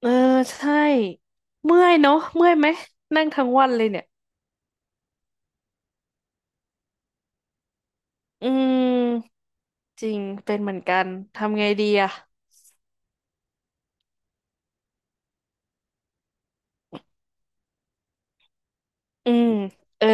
เออใช่เมื่อยเนอะเมื่อยไหมนั่งทั้งวันเลยเนี่ยอืมจริงเป็นเหมือนกันทำไงดีอ่ะอืมเออ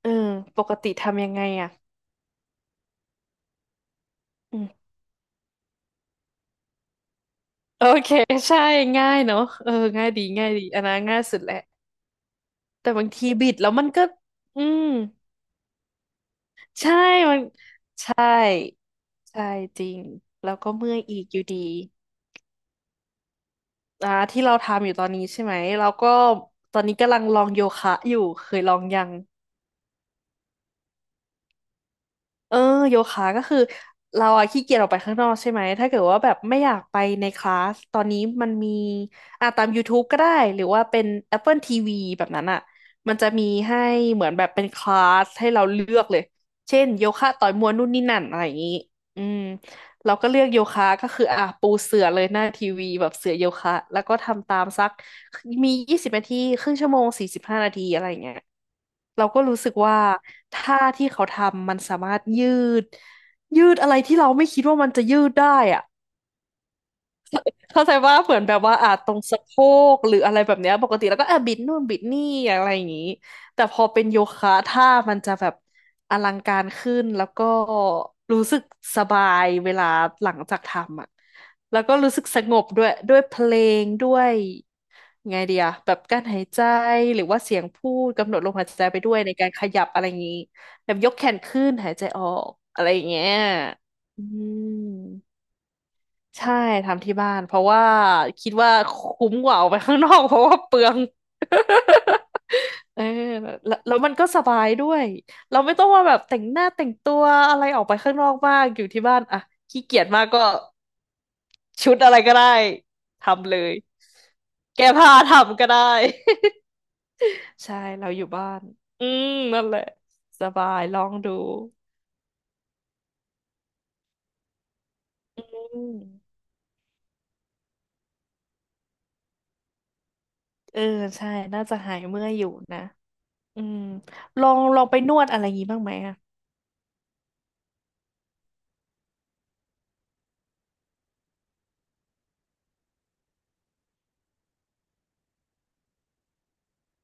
เออปกติทำยังไงอ่ะอืมโอเคใช่ง่ายเนอะเออง่ายดีง่ายดีอันนั้นง่ายสุดแหละแต่บางทีบิดแล้วมันก็อืมใช่มันใช่ใช่จริงแล้วก็เมื่อยอีกอยู่ดีอ่าที่เราทำอยู่ตอนนี้ใช่ไหมเราก็ตอนนี้กำลังลองโยคะอยู่เคยลองยัง เออโยคะก็คือเราอะขี้เกียจออกไปข้างนอกใช่ไหมถ้าเกิดว่าแบบไม่อยากไปในคลาสตอนนี้มันมีอ่ะตาม YouTube ก็ได้หรือว่าเป็น Apple TV แบบนั้นอะมันจะมีให้เหมือนแบบเป็นคลาสให้เราเลือกเลยเช่นโยคะต่อยมวยนู่นนี่นั่นอะไรอย่างนี้อืม เราก็เลือกโยคะก็คืออ่ะปูเสื่อเลยหน้าทีวีแบบเสื่อโยคะแล้วก็ทำตามสักมี20 นาทีครึ่งชั่วโมง45 นาทีอะไรอย่างเงี้ยเราก็รู้สึกว่าท่าที่เขาทำมันสามารถยืดยืดอะไรที่เราไม่คิดว่ามันจะยืดได้อะ เข้าใจว่าเหมือนแบบว่าอาจตรงสะโพกหรืออะไรแบบเนี้ยปกติแล้วก็อ่ะบิดนู่นบิดนี่อะไรอย่างนี้แต่พอเป็นโยคะท่ามันจะแบบอลังการขึ้นแล้วก็รู้สึกสบายเวลาหลังจากทำอ่ะแล้วก็รู้สึกสงบด้วยเพลงด้วยไงเดียแบบการหายใจหรือว่าเสียงพูดกำหนดลมหายใจไปด้วยในการขยับอะไรอย่างนี้แบบยกแขนขึ้นหายใจออกอะไรอย่างเงี้ยอืม ใช่ทำที่บ้านเพราะว่าคิดว่าคุ้มกว่าออกไปข้างนอก เพราะว่าเปลือง เออแล้วมันก็สบายด้วยเราไม่ต้องว่าแบบแต่งหน้าแต่งตัวอะไรออกไปข้างนอกบ้างอยู่ที่บ้านอ่ะขี้เกียจมากก็ชุดอะไรก็ได้ทำเลยแก้ผ้าทำก็ได้ ใช่เราอยู่บ้านอืมนั่นแหละสบายลองดูอืมเออใช่น่าจะหายเมื่อยอยู่นะอืมลองลองไปนวดอะไรงี้บ้างไหมอะ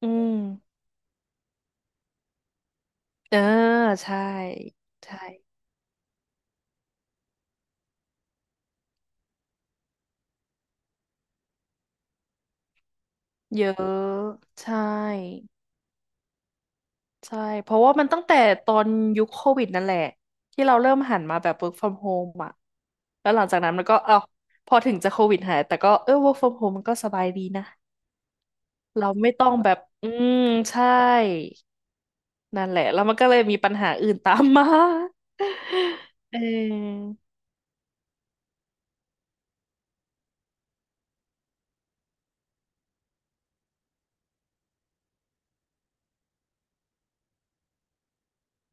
อืม เออ ใช่ ใช่ เยอะ ใช่ ใช่ เพราะว่ามันตั้งแต่ตอนยุคโควิดนั่นแหละที่เราเริ่มหันมาแบบ work from home อ่ะ แล้วหลังจากนั้นมันก็เอ้าพอถึงจะโควิดหายแต่ก็เออ work from home มันก็สบายดีนะเราไม่ต้องแบบอืมใช่นั่นแหละแล้วมันก็เลยมีปัญหาอื่นตามมา เออ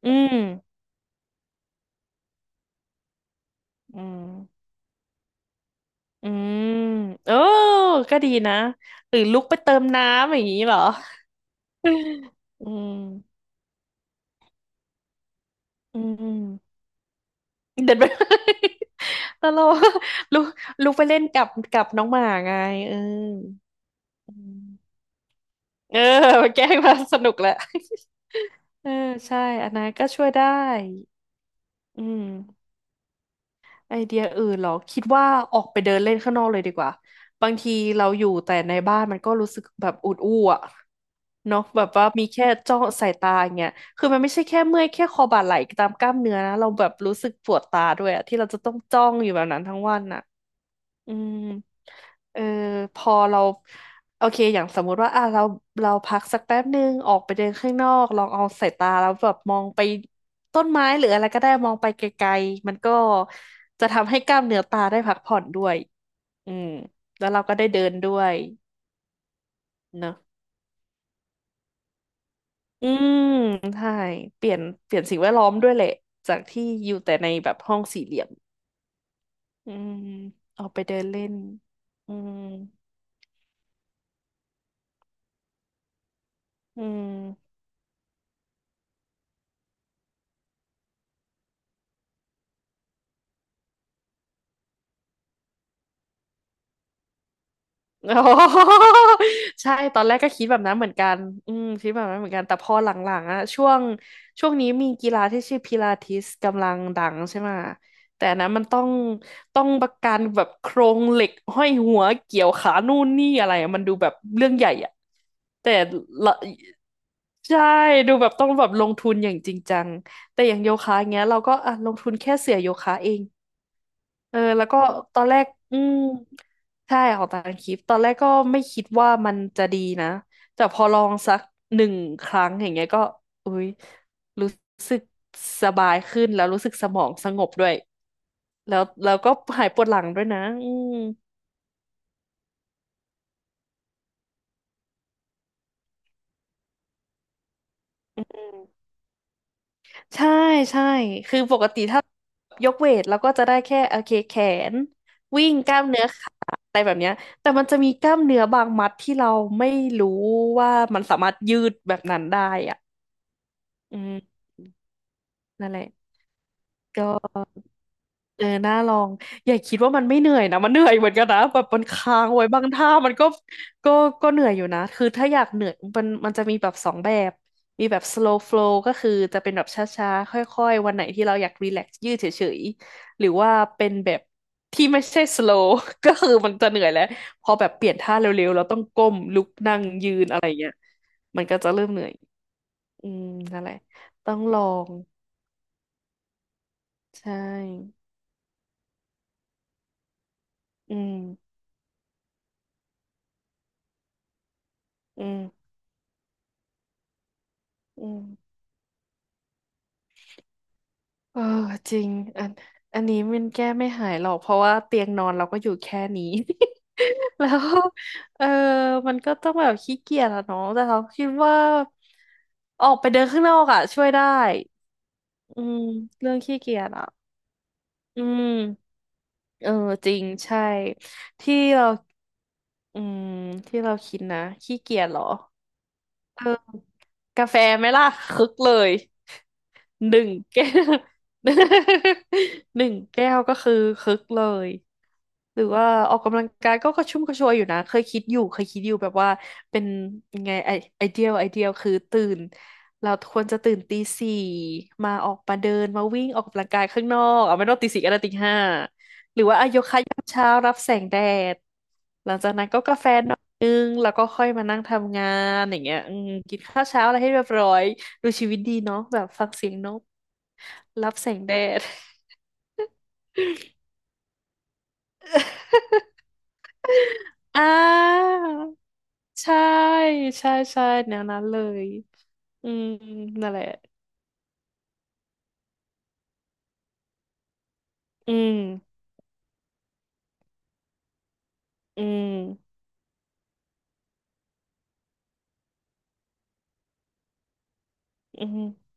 อืมอืม อืมเออก็ดีนะหรือลุกไปเติมน้ำอย่างนี้เหรออืมอืมเดินไป แล้ วเรา ลุกลุกไปเล่นกับน้องหมาไงเอออืมเออ แกล้งมาสนุกแหละ เออใช่อันนั้นก็ช่วยได้อืม ไอเดียอื่นเหรอคิดว่าออกไปเดินเล่นข้างนอกเลยดีกว่าบางทีเราอยู่แต่ในบ้านมันก็รู้สึกแบบอุดอู้อะเนาะแบบว่ามีแค่จ้องสายตาอย่างเงี้ยคือมันไม่ใช่แค่เมื่อยแค่คอบ่าไหล่ตามกล้ามเนื้อนะเราแบบรู้สึกปวดตาด้วยอะที่เราจะต้องจ้องอยู่แบบนั้นทั้งวันอะ อืมเออพอเราโอเคอย่างสมมุติว่าอ่ะเราพักสักแป๊บนึงออกไปเดินข้างนอกลองเอาสายตาแล้วแบบมองไปต้นไม้หรืออะไรก็ได้มองไปไกลๆมันก็จะทำให้กล้ามเนื้อตาได้พักผ่อนด้วยอืมแล้วเราก็ได้เดินด้วยเนอะอืมใช่เปลี่ยนเปลี่ยนสิ่งแวดล้อมด้วยแหละจากที่อยู่แต่ในแบบห้องสี่เหลี่ยมอืมออกไปเดินเล่นอืมอืม โอ้ ใช่ตอนแรกก็คิดแบบนั้นเหมือนกันอืมคิดแบบนั้นเหมือนกันแต่พอหลังๆอะช่วงนี้มีกีฬาที่ชื่อพิลาทิสกำลังดังใช่ไหมะแต่อันนั้นมันต้องประกันแบบโครงเหล็กห้อยหัวเกี่ยวขานู่นนี่อะไรอะมันดูแบบเรื่องใหญ่อะแต่ละใช่ดูแบบต้องแบบลงทุนอย่างจริงจังแต่อย่างโยคะเงี้ยเราก็อ่ะลงทุนแค่เสื่อโยคะเอง เออแล้วก็ตอนแรกอืมใช่ของตามคลิปตอนแรกก็ไม่คิดว่ามันจะดีนะแต่พอลองสักหนึ่งครั้งอย่างเงี้ยก็อุ้ยรู้สึกสบายขึ้นแล้วรู้สึกสมองสงบด้วยแล้วก็หายปวดหลังด้วยนะอืมใช่ใช่คือปกติถ้ายกเวทเราก็จะได้แค่โอเคแขนวิ่งกล้ามเนื้อขาอะไรแบบเนี้ยแต่มันจะมีกล้ามเนื้อบางมัดที่เราไม่รู้ว่ามันสามารถยืดแบบนั้นได้อ่ะอืม นั่นแหละก็เออน่าลองอย่าคิดว่ามันไม่เหนื่อยนะมันเหนื่อยเหมือนกันนะแบบมันค้างไว้บางท่ามันก็ก็ก็เหนื่อยอยู่นะคือถ้าอยากเหนื่อยมันจะมีแบบสองแบบมีแบบ slow flow ก็คือจะเป็นแบบช้าๆค่อยๆวันไหนที่เราอยากรีแลกซ์ยืดเฉยๆหรือว่าเป็นแบบที่ไม่ใช่ slow ก็คือมันจะเหนื่อยแล้วพอแบบเปลี่ยนท่าเร็วๆเราต้องก้มลุกนั่งยืนอะไรเงี้ยมันก็จะเริ่มเหนื่อยอืมนั่นแหละต้องลองใช่อืม อืมอืมเออจริงอันอันนี้มันแก้ไม่หายหรอกเพราะว่าเตียงนอนเราก็อยู่แค่นี้ แล้วเออมันก็ต้องแบบขี้เกียจอะเนาะแต่เราคิดว่าออกไปเดินข้างนอกอะช่วยได้อืมเรื่องขี้เกียจอะอืมเออจริงใช่ที่เราอืมที่เราคิดนะขี้เกียจเหรอเออกาแฟไหมล่ะคึกเลย หนึ่งแก้ว หนึ่งแก้วก็คือคึกเลยหรือว่าออกกำลังกายก็กระชุ่มกระชวยอยู่นะเคยคิดอยู่เคยคิดอยู่แบบว่าเป็นยังไงไอเดียไอเดียคือตื่นเราควรจะตื่นตีสี่มาออกมาเดินมาวิ่งออกกำลังกายข้างนอกเอาไม่ต้องตีสี่ก็ได้ตีห้าหรือว่าอะโยคะยามเช้ารับแสงแดดหลังจากนั้นก็กาแฟหน่อยนึงแล้วก็ค่อยมานั่งทำงานอย่างเงี้ยอืมกินข้าวเช้าอะไรให้เรียบร้อยดูชีวิตดีเนาะแบบฟังเสียงนก รับแสงแดดอ่าใช่ใช่ใช่แนวนั้นเลยอืมนั่นแหละอืมอืมอืม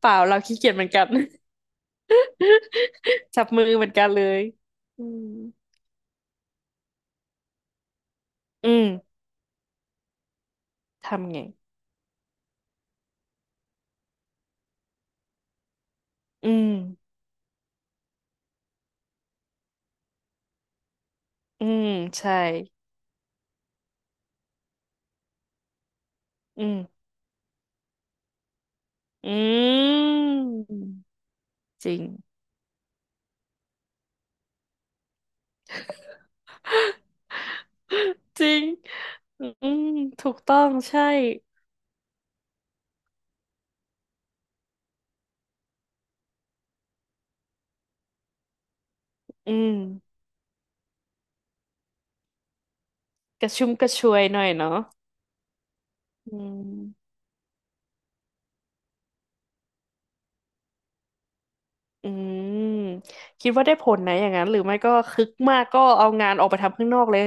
เปล่าเราขี้เกียจเหมือนกัน จับมือเหมือนกันเลยอืมอืมทำไงอืมอืมใช่อืมอืมจริงจริงอืมถูกต้องใช่อืมกระชุ่มกระชวยหน่อยเนาะอืม อืมคิดว่าได้ผลนะอย่างนั้นหรือไม่ก็คึกมากก็เอางานออกไปทำข้างนอกเลย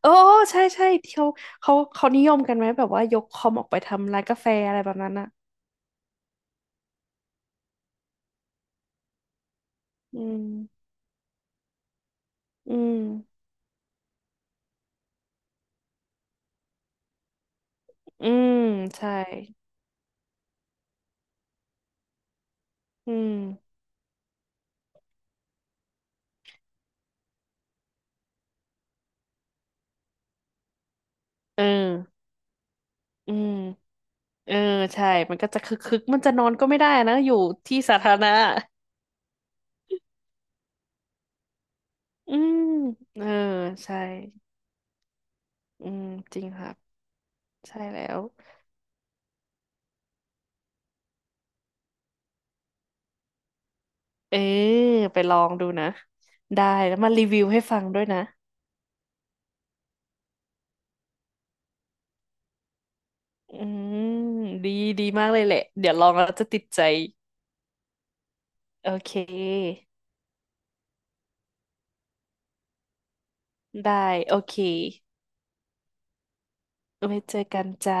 โอ้ใช่ใช่ที่เขาเขานิยมกันไหมแบบว่ายกคอมออกไปทำร้านกาแฟอะไรแบบนั้นอ่ะอืมอืมอืมใช่อืมเอออืมเออใช่มันก็จะคึกมันจะนอนก็ไม่ได้นะอยู่ที่สาธารณะอืมเออใช่อืมจริงครับใช่แล้วเออไปลองดูนะได้แล้วมารีวิวให้ฟังด้วยนะ อืมดีดีมากเลยแหละเดี๋ยวลองแล้วจะติดใจโอเคได้โอเคไว้เจอกันจ้า